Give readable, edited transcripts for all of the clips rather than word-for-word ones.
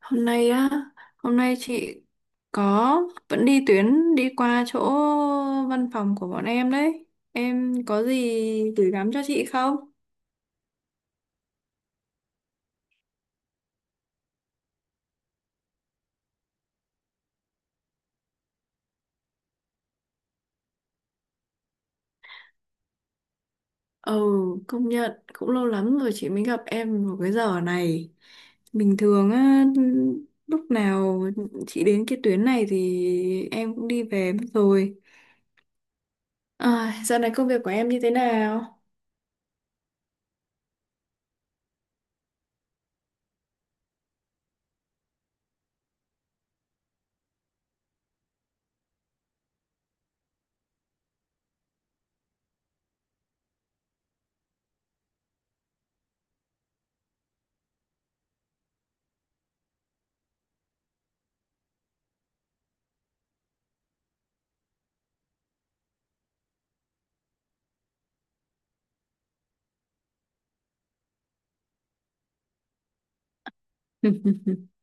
Hôm nay á, hôm nay chị có vẫn đi tuyến đi qua chỗ văn phòng của bọn em đấy. Em có gì gửi gắm cho chị không? Ừ, công nhận cũng lâu lắm rồi chị mới gặp em vào cái giờ này. Bình thường á, lúc nào chị đến cái tuyến này thì em cũng đi về mất rồi. À, dạo này công việc của em như thế nào?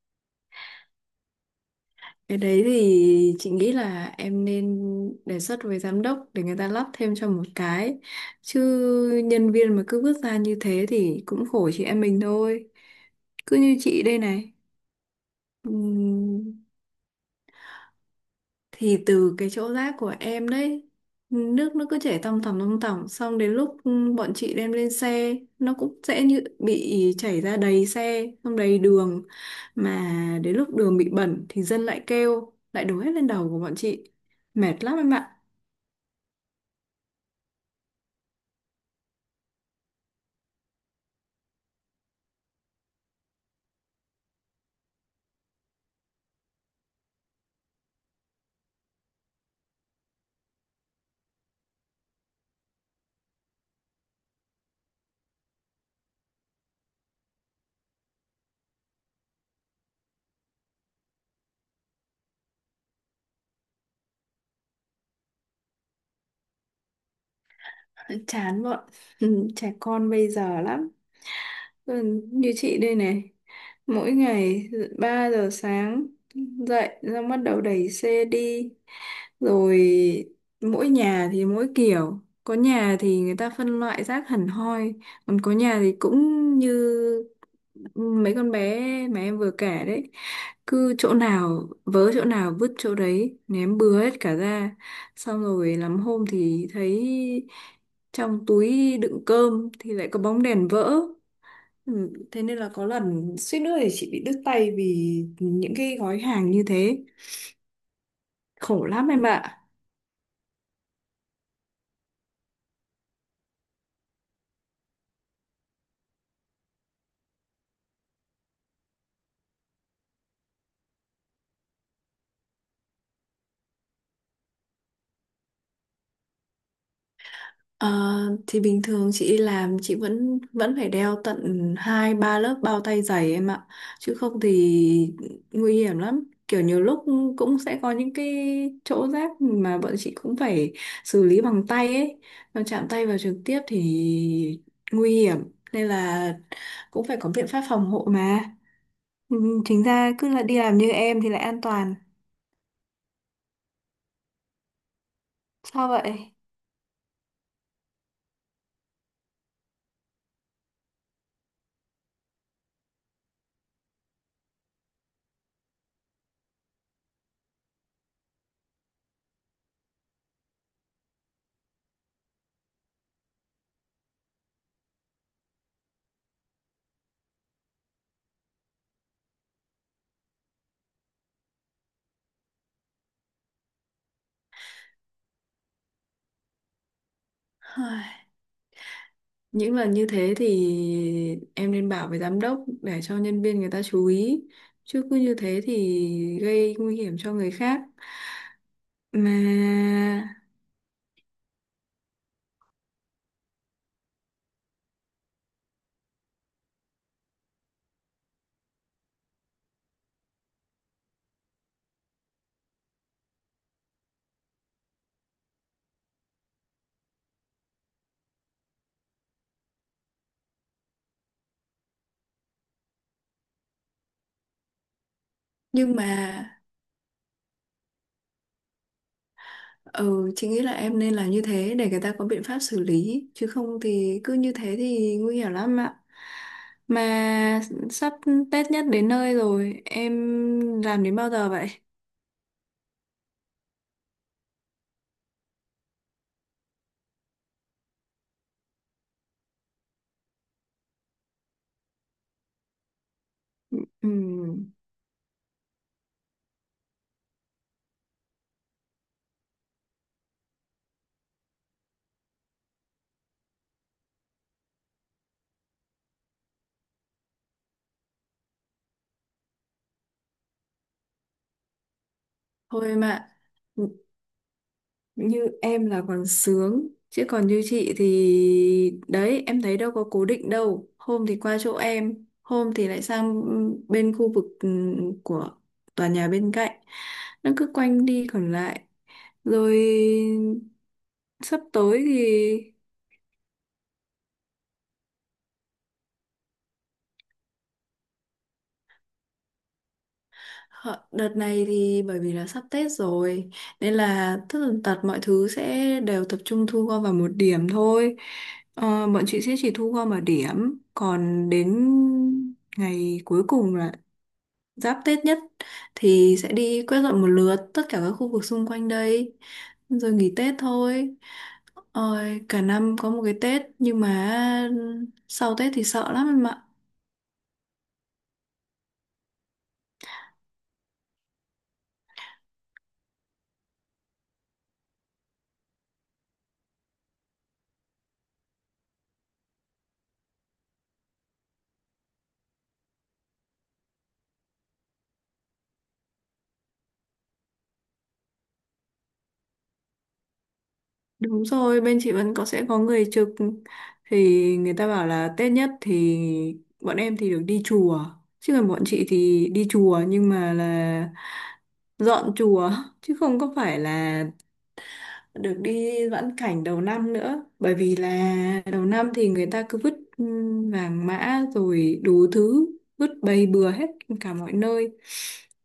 Cái đấy thì chị nghĩ là em nên đề xuất với giám đốc để người ta lắp thêm cho một cái. Chứ nhân viên mà cứ vứt ra như thế thì cũng khổ chị em mình thôi. Cứ như chị đây này thì từ cái chỗ rác của em đấy, nước nó cứ chảy tòng tòng tòng tòng, xong đến lúc bọn chị đem lên xe nó cũng sẽ như bị chảy ra đầy xe, xong đầy đường. Mà đến lúc đường bị bẩn thì dân lại kêu, lại đổ hết lên đầu của bọn chị. Mệt lắm em ạ. Chán bọn trẻ con bây giờ lắm. Ừ, như chị đây này, mỗi ngày 3 giờ sáng dậy ra bắt đầu đẩy xe đi, rồi mỗi nhà thì mỗi kiểu, có nhà thì người ta phân loại rác hẳn hoi, còn có nhà thì cũng như mấy con bé mà em vừa kể đấy, cứ chỗ nào vớ chỗ nào vứt chỗ đấy, ném bừa hết cả ra. Xong rồi lắm hôm thì thấy trong túi đựng cơm thì lại có bóng đèn vỡ. Ừ, thế nên là có lần suýt nữa thì chị bị đứt tay vì những cái gói hàng như thế. Khổ lắm em ạ. Ờ, thì bình thường chị đi làm chị vẫn vẫn phải đeo tận hai ba lớp bao tay dày em ạ, chứ không thì nguy hiểm lắm. Kiểu nhiều lúc cũng sẽ có những cái chỗ rách mà bọn chị cũng phải xử lý bằng tay ấy, còn chạm tay vào trực tiếp thì nguy hiểm, nên là cũng phải có biện pháp phòng hộ mà. Ừ, chính ra cứ là đi làm như em thì lại an toàn. Sao vậy? Những lần như thế thì em nên bảo với giám đốc để cho nhân viên người ta chú ý. Chứ cứ như thế thì gây nguy hiểm cho người khác. Mà nhưng mà ừ chị nghĩ là em nên làm như thế để người ta có biện pháp xử lý, chứ không thì cứ như thế thì nguy hiểm lắm ạ. Mà sắp Tết nhất đến nơi rồi, em làm đến bao giờ vậy? Ừ, thôi em ạ. Như em là còn sướng, chứ còn như chị thì đấy, em thấy đâu có cố định đâu. Hôm thì qua chỗ em, hôm thì lại sang bên khu vực của tòa nhà bên cạnh. Nó cứ quanh đi còn lại, rồi sắp tới thì Hợ, đợt này thì bởi vì là sắp Tết rồi nên là tất tần tật mọi thứ sẽ đều tập trung thu gom vào một điểm thôi. Ờ, bọn chị sẽ chỉ thu gom ở điểm, còn đến ngày cuối cùng là giáp Tết nhất thì sẽ đi quét dọn một lượt tất cả các khu vực xung quanh đây rồi nghỉ Tết thôi. Ôi, cả năm có một cái Tết nhưng mà sau Tết thì sợ lắm em ạ. Đúng rồi, bên chị vẫn có, sẽ có người trực. Thì người ta bảo là Tết nhất thì bọn em thì được đi chùa. Chứ còn bọn chị thì đi chùa nhưng mà là dọn chùa chứ không có phải là được đi vãn cảnh đầu năm nữa. Bởi vì là đầu năm thì người ta cứ vứt vàng mã rồi đủ thứ, vứt bầy bừa hết cả mọi nơi.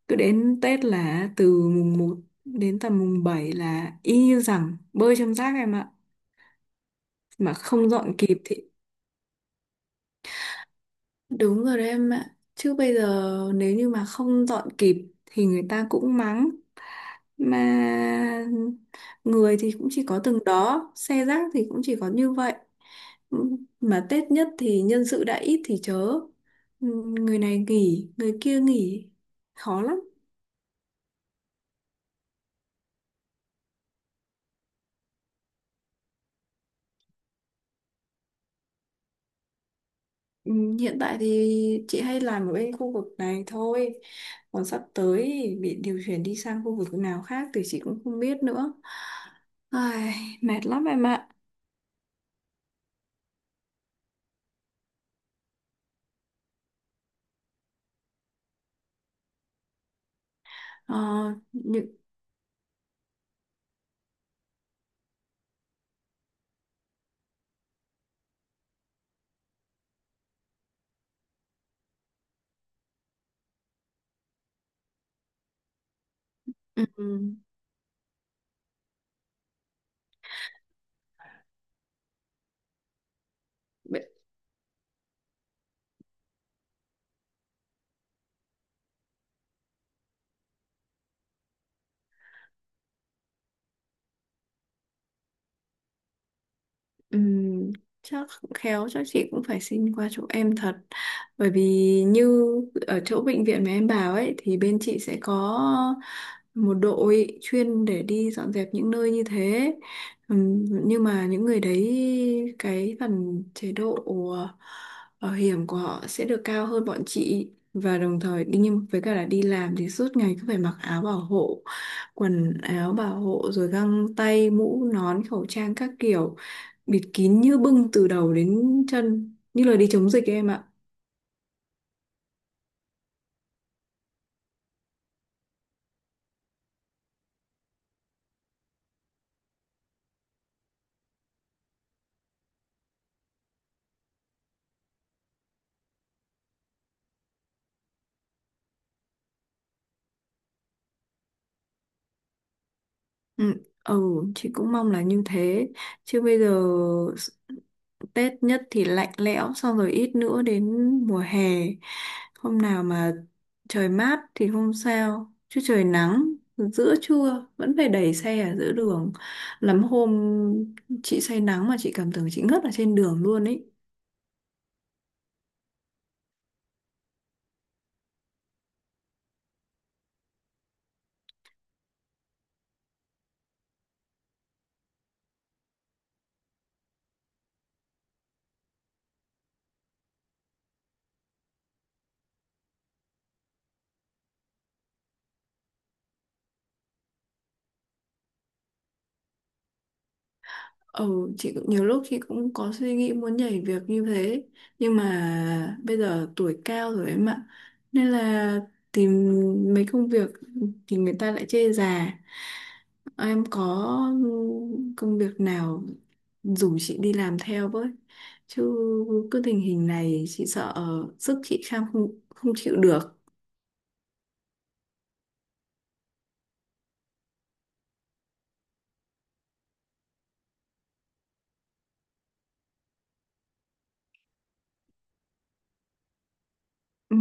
Cứ đến Tết là từ mùng 1 đến tầm mùng 7 là y như rằng bơi trong rác em ạ, mà không dọn kịp thì đúng rồi đấy em ạ. Chứ bây giờ nếu như mà không dọn kịp thì người ta cũng mắng, mà người thì cũng chỉ có từng đó, xe rác thì cũng chỉ có như vậy, mà Tết nhất thì nhân sự đã ít thì chớ, người này nghỉ người kia nghỉ, khó lắm. Ừ, hiện tại thì chị hay làm ở bên khu vực này thôi. Còn sắp tới thì bị điều chuyển đi sang khu vực nào khác thì chị cũng không biết nữa. Ai, mệt lắm em ạ. Ờ, những, ừ, ừ, ừm, chắc khéo chắc chị cũng phải xin qua chỗ em thật, bởi vì như ở chỗ bệnh viện mà em bảo ấy thì bên chị sẽ có một đội chuyên để đi dọn dẹp những nơi như thế. Nhưng mà những người đấy cái phần chế độ ờ, bảo hiểm của họ sẽ được cao hơn bọn chị, và đồng thời đi, nhưng với cả là đi làm thì suốt ngày cứ phải mặc áo bảo hộ, quần áo bảo hộ rồi găng tay mũ nón khẩu trang các kiểu, bịt kín như bưng từ đầu đến chân như là đi chống dịch ấy em ạ. Ừ, ừ, chị cũng mong là như thế, chứ bây giờ s- Tết nhất thì lạnh lẽo, xong rồi ít nữa đến mùa hè, hôm nào mà trời mát thì không sao, chứ trời nắng giữa trưa vẫn phải đẩy xe ở giữa đường. Lắm hôm chị say nắng mà chị cảm tưởng chị ngất ở trên đường luôn ấy. Ừ, chị cũng nhiều lúc chị cũng có suy nghĩ muốn nhảy việc như thế, nhưng mà bây giờ tuổi cao rồi em ạ, nên là tìm mấy công việc thì người ta lại chê già. Em có công việc nào rủ chị đi làm theo với, chứ cứ tình hình này chị sợ sức chị kham không không chịu được. Ừ,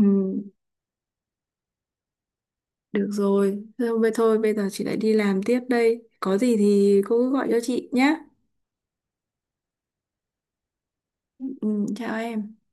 được rồi, thôi vậy thôi, bây giờ chị lại đi làm tiếp đây, có gì thì cô cứ gọi cho chị nhé. Ừ, chào em.